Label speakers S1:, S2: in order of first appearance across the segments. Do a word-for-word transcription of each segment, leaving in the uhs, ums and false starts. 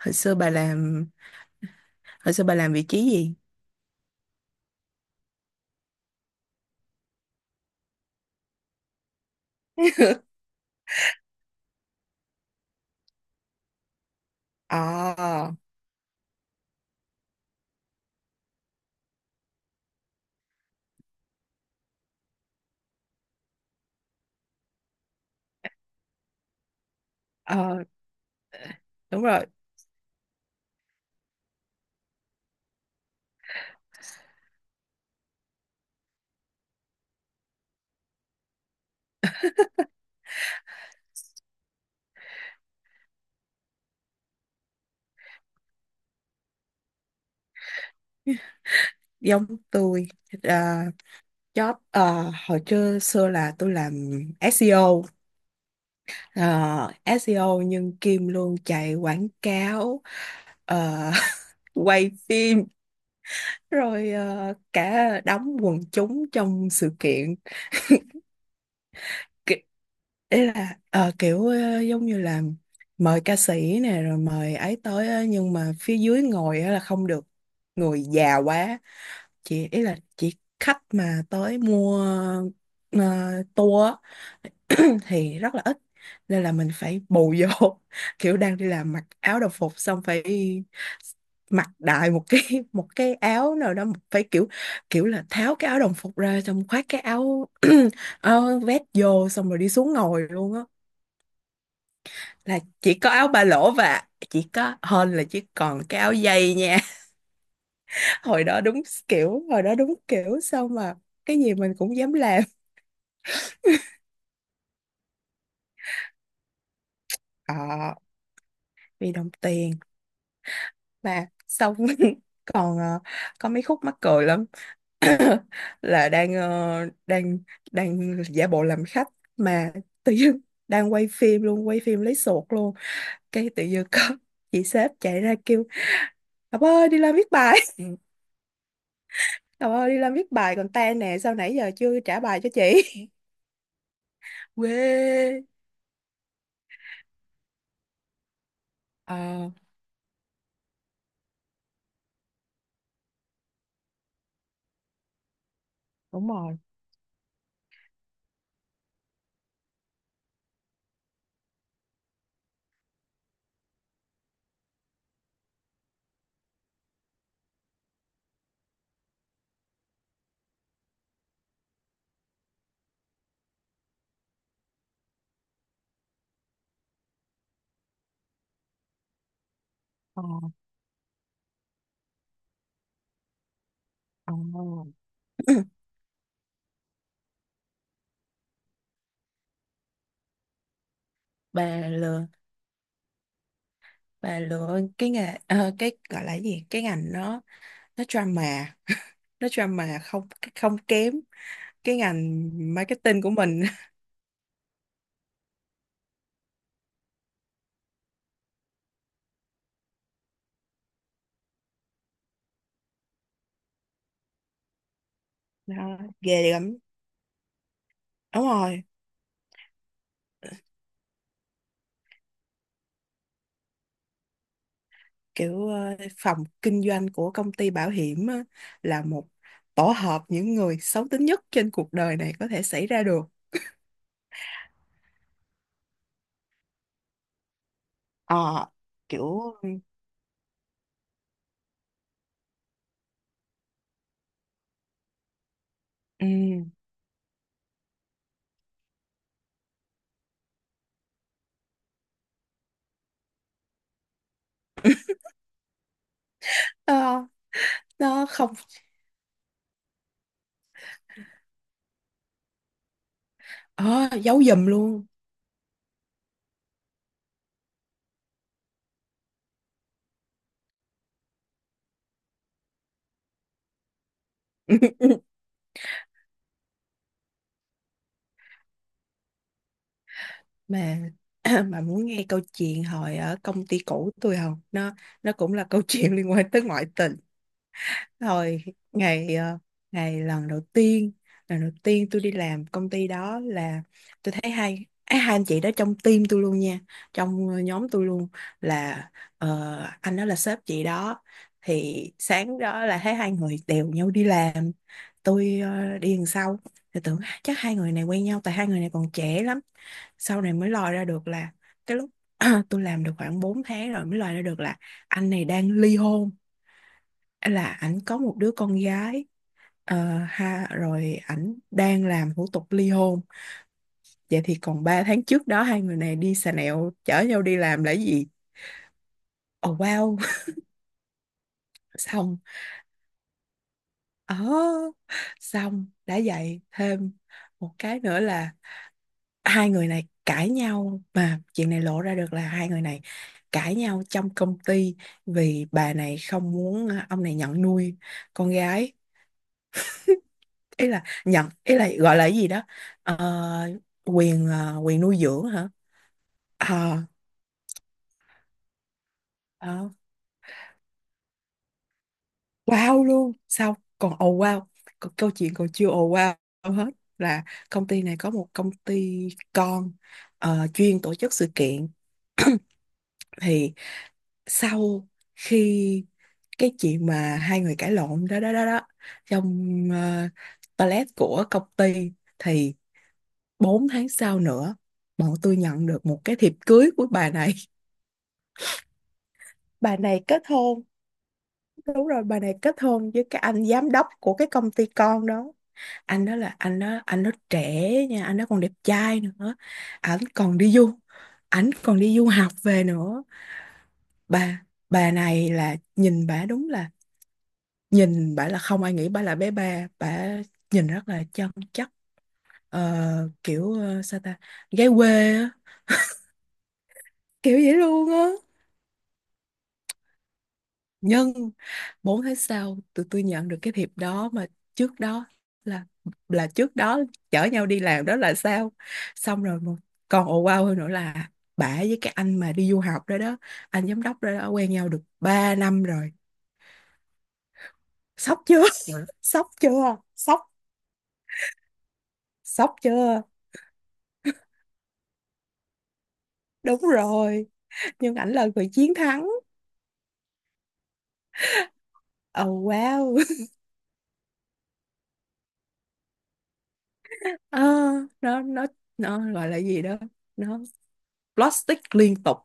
S1: Hồi xưa bà làm hồi xưa bà làm vị trí gì? ờ ờ đúng rồi, giống tôi. à, Job à, hồi trưa xưa là tôi làm ét e o, à, ét e o nhưng Kim luôn chạy quảng cáo, à, quay phim, rồi à, cả đóng quần chúng trong sự kiện. Ki- Ý là ờ, kiểu ờ, giống như là mời ca sĩ nè, rồi mời ấy tới á, nhưng mà phía dưới ngồi á là không được, người già quá. Chị ý là chỉ khách mà tới mua uh, tour thì rất là ít, nên là mình phải bù vô. Kiểu đang đi làm mặc áo đồng phục xong phải mặc đại một cái một cái áo nào đó, phải kiểu, kiểu là tháo cái áo đồng phục ra xong khoác cái áo áo vest vô, xong rồi đi xuống ngồi luôn á, là chỉ có áo ba lỗ và chỉ có hơn là chỉ còn cái áo dây nha. Hồi đó đúng, kiểu hồi đó đúng kiểu sao mà cái gì mình cũng dám làm. Ờ, vì đồng tiền, mà xong còn ờ, có mấy khúc mắc cười lắm. Là đang ờ, đang đang giả bộ làm khách mà tự dưng, đang quay phim luôn, quay phim lấy sột luôn, cái tự dưng có chị sếp chạy ra kêu: "Ngọc ơi, đi làm viết bài" "Ngọc ơi, đi làm viết bài còn tan nè, sao nãy giờ chưa trả bài cho chị?" Quê. ờ Đúng rồi. ờ ờ bà lừa, bà lừa cái nghề ờ, cái gọi là cái gì, cái ngành đó nó drama, nó drama không, không kém cái ngành marketing của mình. Nó ghê lắm, đúng rồi. Kiểu ờ, phòng kinh doanh của công ty bảo hiểm á, là một tổ hợp những người xấu tính nhất trên cuộc đời này có thể xảy ra được. Ờ, kiểu, ừm, nó nó không, ờ, giấu giùm luôn. Mà mà muốn nghe câu chuyện hồi ở công ty cũ tôi không, nó nó cũng là câu chuyện liên quan tới ngoại tình. Rồi, ngày ờ, ngày lần đầu tiên, lần đầu tiên tôi đi làm công ty đó là tôi thấy hai á, hai anh chị đó trong team tôi luôn nha, trong ờ, nhóm tôi luôn, là ờ, anh đó là sếp chị đó. Thì sáng đó là thấy hai người đều nhau đi làm, tôi ờ, đi đằng sau, thì tưởng chắc hai người này quen nhau tại hai người này còn trẻ lắm. Sau này mới lòi ra được là cái lúc tôi làm được khoảng bốn tháng rồi mới lòi ra được là anh này đang ly hôn, là ảnh có một đứa con gái, ờ, ha, rồi ảnh đang làm thủ tục ly hôn. Vậy thì còn ba tháng trước đó hai người này đi xà nẹo chở nhau đi làm là gì? Oh wow. Xong, ờ, xong đã vậy thêm một cái nữa là hai người này cãi nhau, mà chuyện này lộ ra được là hai người này cãi nhau trong công ty, vì bà này không muốn ờ, ông này nhận nuôi con gái. Ý là nhận, ý là gọi là cái gì đó. Ờ, quyền ờ, quyền nuôi dưỡng hả. Ờ, ờ, wow luôn, xong còn ồ wow, còn câu chuyện còn chưa ồ wow hết, là công ty này có một công ty con, ờ, chuyên tổ chức sự kiện. Thì sau khi cái chuyện mà hai người cãi lộn đó, đó đó đó trong ờ, toilet của công ty, thì bốn tháng sau nữa bọn tôi nhận được một cái thiệp cưới của bà này. Bà này kết hôn, đúng rồi, bà này kết hôn với cái anh giám đốc của cái công ty con đó. Anh đó là anh đó anh đó trẻ nha, anh đó còn đẹp trai nữa. ảnh còn đi du Ảnh còn đi du học về nữa. Bà bà này là, nhìn bà đúng là, nhìn bà là không ai nghĩ bà là bé ba, bà nhìn rất là chân chất. ờ, kiểu ờ, sao ta, gái quê á, kiểu vậy luôn á. Nhân bốn tháng sau tụi tôi nhận được cái thiệp đó, mà trước đó là là trước đó chở nhau đi làm đó là sao? Xong rồi mà còn ồ wow hơn nữa là bả với cái anh mà đi du học đó đó, anh giám đốc đó, đó, quen nhau được ba năm rồi. Sốc chưa? Ừ. Sốc chưa? Sốc, sốc chưa? Đúng rồi, nhưng ảnh là người chiến thắng. Oh, wow. Ờ, nó nó nó gọi là gì đó, nó plastic liên tục.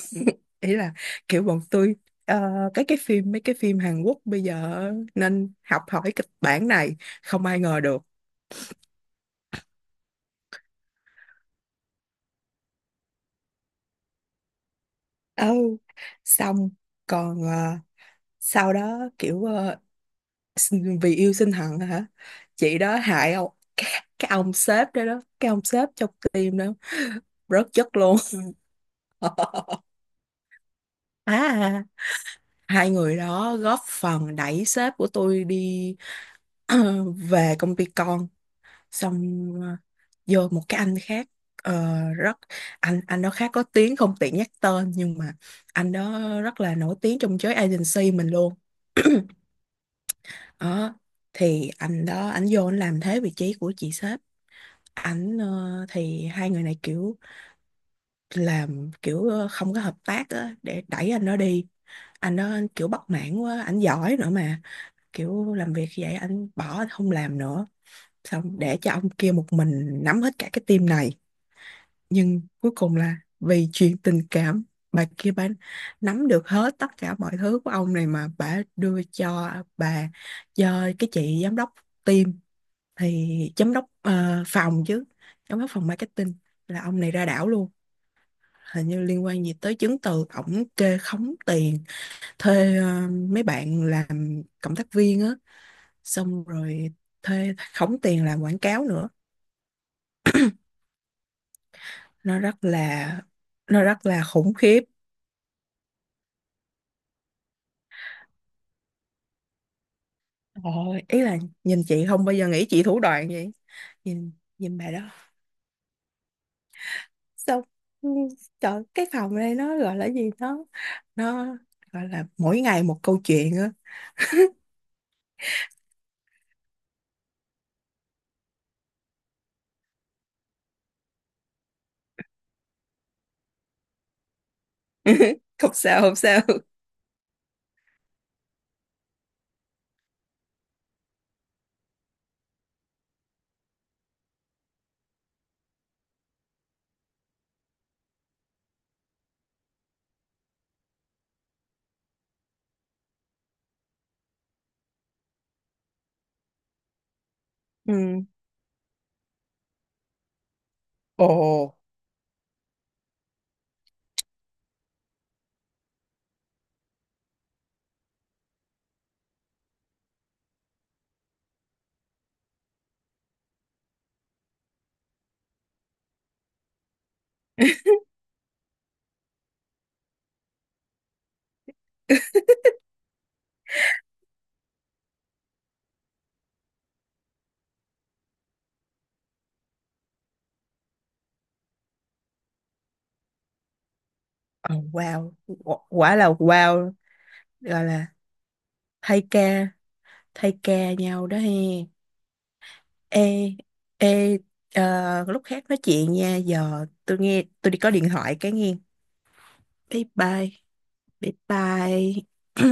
S1: Ý là kiểu bọn tôi, ờ, cái cái phim mấy cái phim Hàn Quốc bây giờ nên học hỏi kịch bản này, không ai ngờ được. Ừ, xong còn ờ, sau đó kiểu, ờ, s- vì yêu sinh hận hả, chị đó hại ông cái, cái ông sếp đó, đó cái ông sếp trong team đó rớt chất luôn. À, hai người đó góp phần đẩy sếp của tôi đi về công ty con. Xong ờ, vô một cái anh khác, ờ, rất anh anh đó khá có tiếng, không tiện nhắc tên, nhưng mà anh đó rất là nổi tiếng trong giới agency mình luôn. Đó, thì anh đó, anh vô anh làm thế vị trí của chị sếp. Ảnh ờ, thì hai người này kiểu làm kiểu ờ, không có hợp tác á, để đẩy anh đó đi. Anh đó anh kiểu bất mãn quá, anh giỏi nữa mà, kiểu làm việc vậy anh bỏ, anh không làm nữa, xong để cho ông kia một mình nắm hết cả cái team này. Nhưng cuối cùng là vì chuyện tình cảm, bà kia bà nắm được hết tất cả mọi thứ của ông này, mà bà đưa cho bà, cho cái chị giám đốc team. Thì giám đốc ờ, phòng chứ, giám đốc phòng marketing, là ông này ra đảo luôn. Hình như liên quan gì tới chứng từ, ổng kê khống tiền thuê ờ, mấy bạn làm cộng tác viên á, xong rồi thuê khống tiền làm quảng cáo nữa. Nó rất là, nó rất là khủng khiếp. Ôi, ý là nhìn chị không bao giờ nghĩ chị thủ đoạn vậy. Nhìn Nhìn bà đó. Xong, ừ, trời, cái phòng này nó gọi là gì, nó nó gọi là mỗi ngày một câu chuyện á. Không sao, không sao. Ừ. Ồ. Ồ, wow. Qu- Quả là wow. Gọi là thay ca, thay ca nhau đó he. Ê, ê, ờ, lúc khác nói chuyện nha. Giờ tôi nghe, tôi đi có điện thoại cái nghe. Bye bye. Bye bye.